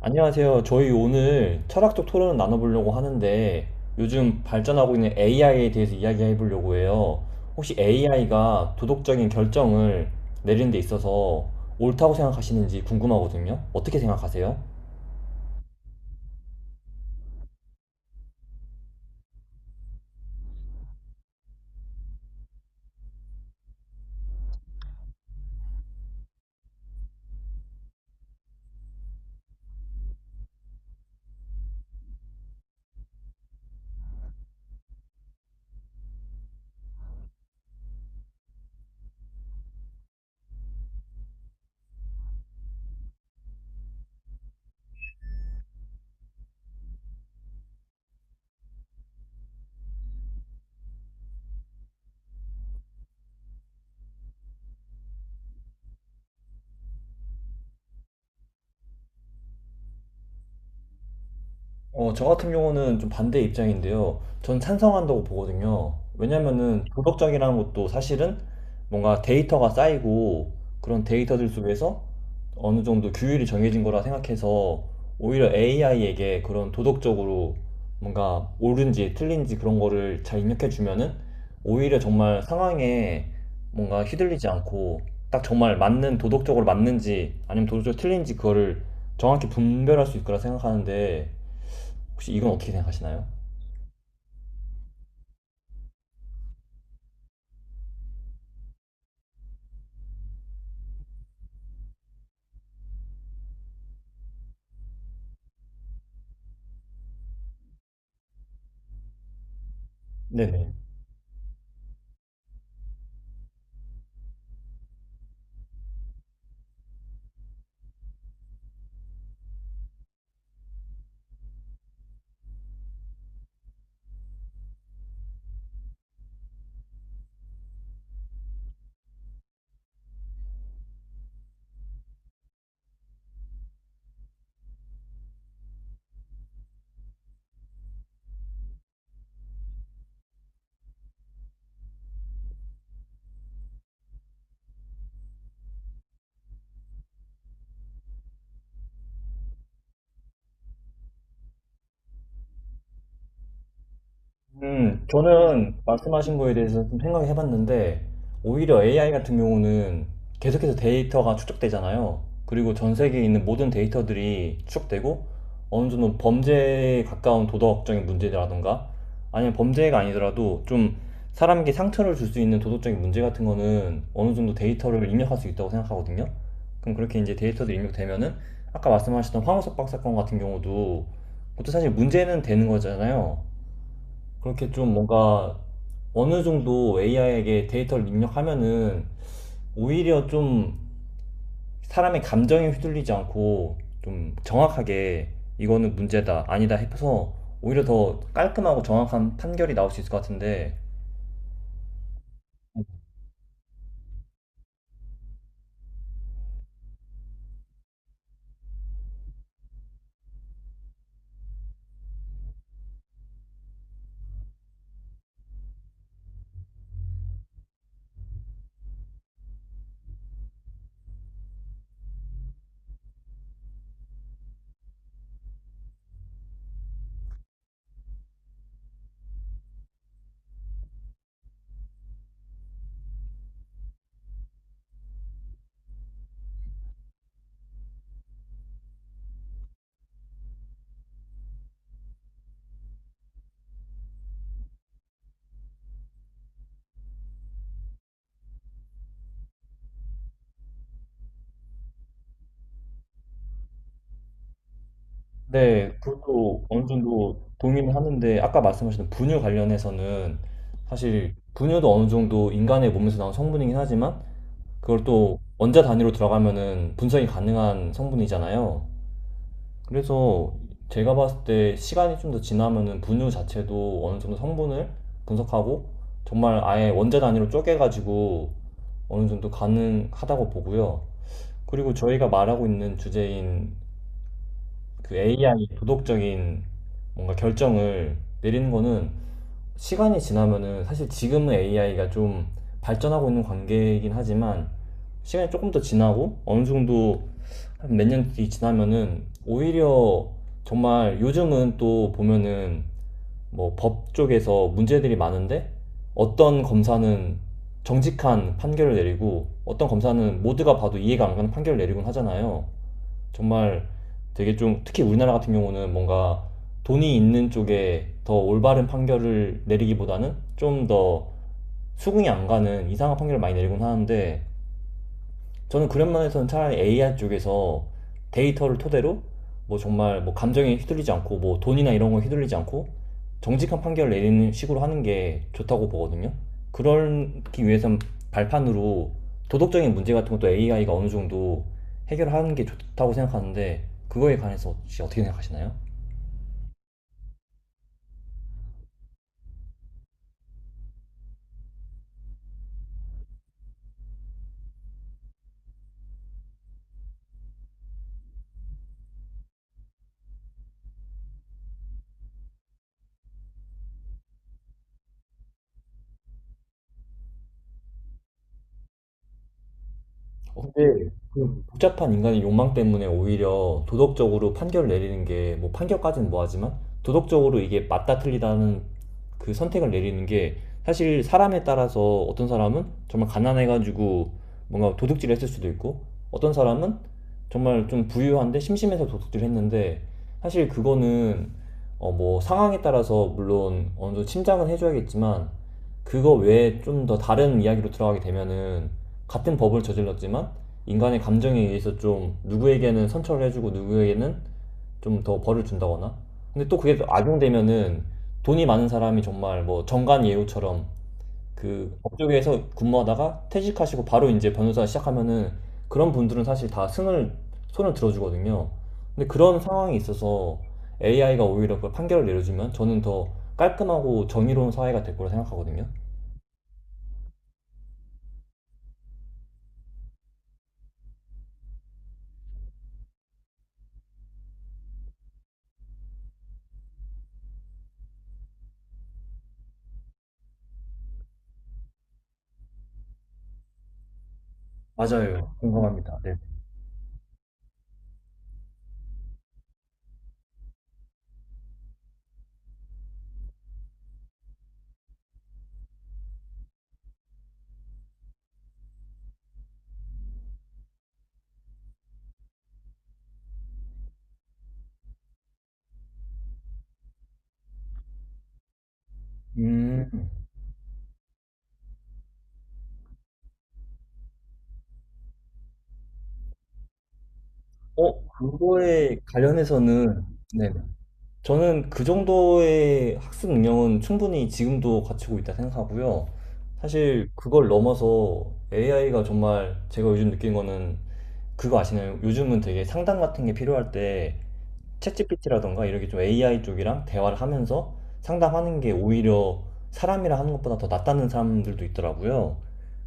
안녕하세요. 저희 오늘 철학적 토론을 나눠보려고 하는데 요즘 발전하고 있는 AI에 대해서 이야기해 보려고 해요. 혹시 AI가 도덕적인 결정을 내리는 데 있어서 옳다고 생각하시는지 궁금하거든요. 어떻게 생각하세요? 저 같은 경우는 좀 반대 입장인데요. 전 찬성한다고 보거든요. 왜냐면은 도덕적이라는 것도 사실은 뭔가 데이터가 쌓이고, 그런 데이터들 속에서 어느 정도 규율이 정해진 거라 생각해서, 오히려 AI에게 그런 도덕적으로 뭔가 옳은지 틀린지 그런 거를 잘 입력해 주면은, 오히려 정말 상황에 뭔가 휘둘리지 않고 딱 정말 맞는, 도덕적으로 맞는지 아니면 도덕적으로 틀린지 그거를 정확히 분별할 수 있을 거라 생각하는데, 혹시 이건 어떻게 생각하시나요? 네네. 저는 말씀하신 거에 대해서 좀 생각해 을 봤는데, 오히려 AI 같은 경우는 계속해서 데이터가 축적되잖아요. 그리고 전 세계에 있는 모든 데이터들이 추적되고, 어느 정도 범죄에 가까운 도덕적인 문제라던가, 아니면 범죄가 아니더라도 좀 사람에게 상처를 줄 수 있는 도덕적인 문제 같은 거는 어느 정도 데이터를 입력할 수 있다고 생각하거든요. 그럼 그렇게 이제 데이터들이 입력되면은, 아까 말씀하셨던 황우석 박사건 같은 경우도, 그것도 사실 문제는 되는 거잖아요. 그렇게 좀 뭔가 어느 정도 AI에게 데이터를 입력하면은, 오히려 좀 사람의 감정에 휘둘리지 않고 좀 정확하게 이거는 문제다, 아니다 해서 오히려 더 깔끔하고 정확한 판결이 나올 수 있을 것 같은데. 네, 그것도 어느 정도 동의는 하는데, 아까 말씀하신 분유 관련해서는, 사실 분유도 어느 정도 인간의 몸에서 나온 성분이긴 하지만, 그걸 또 원자 단위로 들어가면은 분석이 가능한 성분이잖아요. 그래서 제가 봤을 때 시간이 좀 더 지나면은 분유 자체도 어느 정도 성분을 분석하고 정말 아예 원자 단위로 쪼개가지고 어느 정도 가능하다고 보고요. 그리고 저희가 말하고 있는 주제인 그 AI 도덕적인 뭔가 결정을 내리는 거는, 시간이 지나면은, 사실 지금은 AI가 좀 발전하고 있는 관계이긴 하지만, 시간이 조금 더 지나고 어느 정도 한 몇 년 뒤 지나면은, 오히려 정말, 요즘은 또 보면은 뭐 법 쪽에서 문제들이 많은데, 어떤 검사는 정직한 판결을 내리고 어떤 검사는 모두가 봐도 이해가 안 가는 판결을 내리곤 하잖아요. 정말 되게 좀, 특히 우리나라 같은 경우는 뭔가 돈이 있는 쪽에 더 올바른 판결을 내리기보다는 좀 더 수긍이 안 가는 이상한 판결을 많이 내리곤 하는데, 저는 그런 면에서는 차라리 AI 쪽에서 데이터를 토대로 뭐 정말 뭐 감정에 휘둘리지 않고 뭐 돈이나 이런 거 휘둘리지 않고 정직한 판결을 내리는 식으로 하는 게 좋다고 보거든요. 그러기 위해서는 발판으로 도덕적인 문제 같은 것도 AI가 어느 정도 해결하는 게 좋다고 생각하는데, 그거에 관해서 혹시 어떻게 생각하시나요? 근데 그 복잡한 인간의 욕망 때문에 오히려 도덕적으로 판결을 내리는 게, 뭐 판결까지는 뭐하지만, 도덕적으로 이게 맞다 틀리다는 그 선택을 내리는 게, 사실 사람에 따라서, 어떤 사람은 정말 가난해가지고 뭔가 도둑질을 했을 수도 있고, 어떤 사람은 정말 좀 부유한데 심심해서 도둑질을 했는데, 사실 그거는 뭐 상황에 따라서 물론 어느 정도 침착은 해줘야겠지만, 그거 외에 좀 더 다른 이야기로 들어가게 되면은, 같은 법을 저질렀지만 인간의 감정에 의해서 좀 누구에게는 선처를 해주고 누구에게는 좀 더 벌을 준다거나, 근데 또 그게 악용되면은, 돈이 많은 사람이 정말 뭐 정관 예우처럼 그 법조계에서 근무하다가 퇴직하시고 바로 이제 변호사 시작하면은, 그런 분들은 사실 다 승을 손을 들어주거든요. 근데 그런 상황이 있어서 AI가 오히려 그 판결을 내려주면 저는 더 깔끔하고 정의로운 사회가 될 거라 생각하거든요. 맞아요. 공감합니다. 네. 음, 그거에 관련해서는, 네네, 저는 그 정도의 학습 능력은 충분히 지금도 갖추고 있다 생각하고요. 사실 그걸 넘어서 AI가 정말, 제가 요즘 느낀 거는, 그거 아시나요? 요즘은 되게 상담 같은 게 필요할 때 챗GPT라던가 이렇게 좀 AI 쪽이랑 대화를 하면서 상담하는 게 오히려 사람이랑 하는 것보다 더 낫다는 사람들도 있더라고요.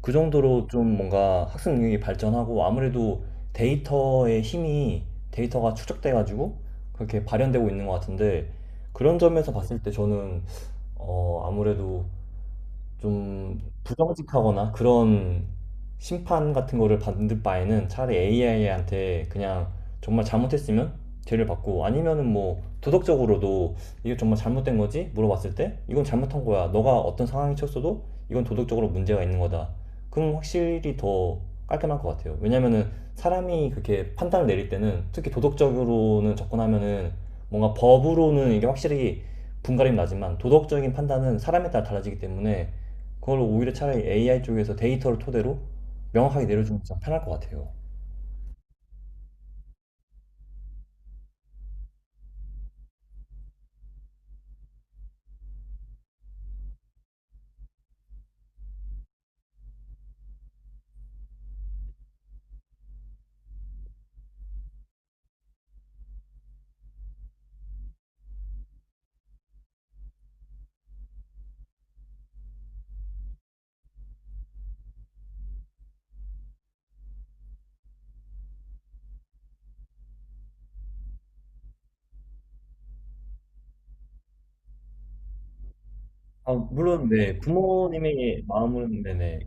그 정도로 좀 뭔가 학습 능력이 발전하고, 아무래도 데이터의 힘이, 데이터가 축적돼가지고 그렇게 발현되고 있는 것 같은데, 그런 점에서 봤을 때 저는 아무래도 좀 부정직하거나 그런 심판 같은 거를 받는 바에는 차라리 AI한테 그냥, 정말 잘못했으면 죄를 받고 아니면은 뭐 도덕적으로도 이게 정말 잘못된 거지? 물어봤을 때 이건 잘못한 거야, 너가 어떤 상황이 쳤어도 이건 도덕적으로 문제가 있는 거다. 그럼 확실히 더 깔끔할 것 같아요. 왜냐면은 사람이 그렇게 판단을 내릴 때는, 특히 도덕적으로는 접근하면은, 뭔가 법으로는 이게 확실히 분갈이 나지만 도덕적인 판단은 사람에 따라 달라지기 때문에, 그걸 오히려 차라리 AI 쪽에서 데이터를 토대로 명확하게 내려주면 좀 편할 것 같아요. 아, 물론 네, 부모님의 마음은. 네네.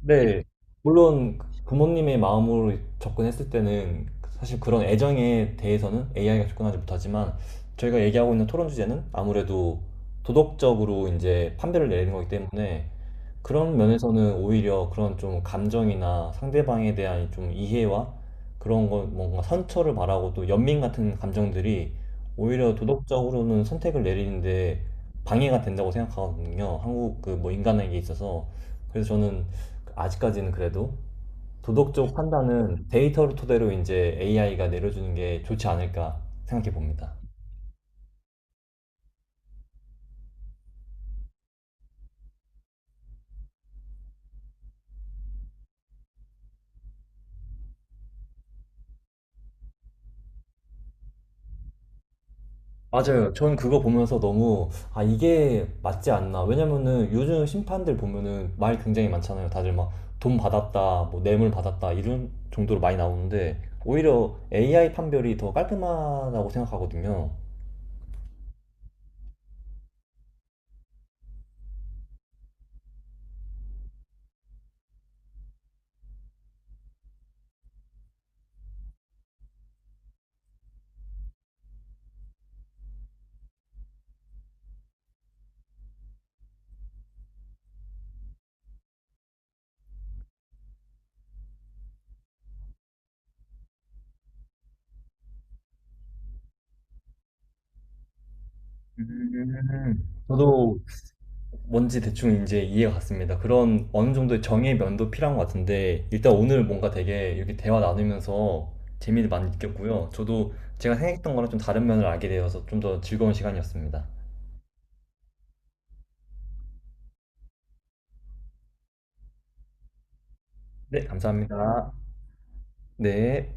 네, 물론 부모님의 마음으로 접근했을 때는 사실 그런 애정에 대해서는 AI가 접근하지 못하지만, 저희가 얘기하고 있는 토론 주제는 아무래도 도덕적으로 이제 판별을 내리는 거기 때문에, 그런 면에서는 오히려 그런 좀 감정이나 상대방에 대한 좀 이해와, 그런 거 뭔가 선처를 바라고 또 연민 같은 감정들이 오히려 도덕적으로는 선택을 내리는데 방해가 된다고 생각하거든요. 한국 그 뭐 인간에게 있어서. 그래서 저는 아직까지는 그래도 도덕적 판단은 데이터를 토대로 이제 AI가 내려주는 게 좋지 않을까 생각해 봅니다. 맞아요. 전 그거 보면서 너무, 아, 이게 맞지 않나. 왜냐면은 요즘 심판들 보면은 말 굉장히 많잖아요. 다들 막 돈 받았다, 뭐 뇌물 받았다 이런 정도로 많이 나오는데 오히려 AI 판별이 더 깔끔하다고 생각하거든요. 저도 뭔지 대충 이제 이해가 갔습니다. 그런 어느 정도의 정의 면도 필요한 것 같은데, 일단 오늘 뭔가 되게 이렇게 대화 나누면서 재미를 많이 느꼈고요. 저도 제가 생각했던 거랑 좀 다른 면을 알게 되어서 좀 더 즐거운 시간이었습니다. 네, 감사합니다. 네.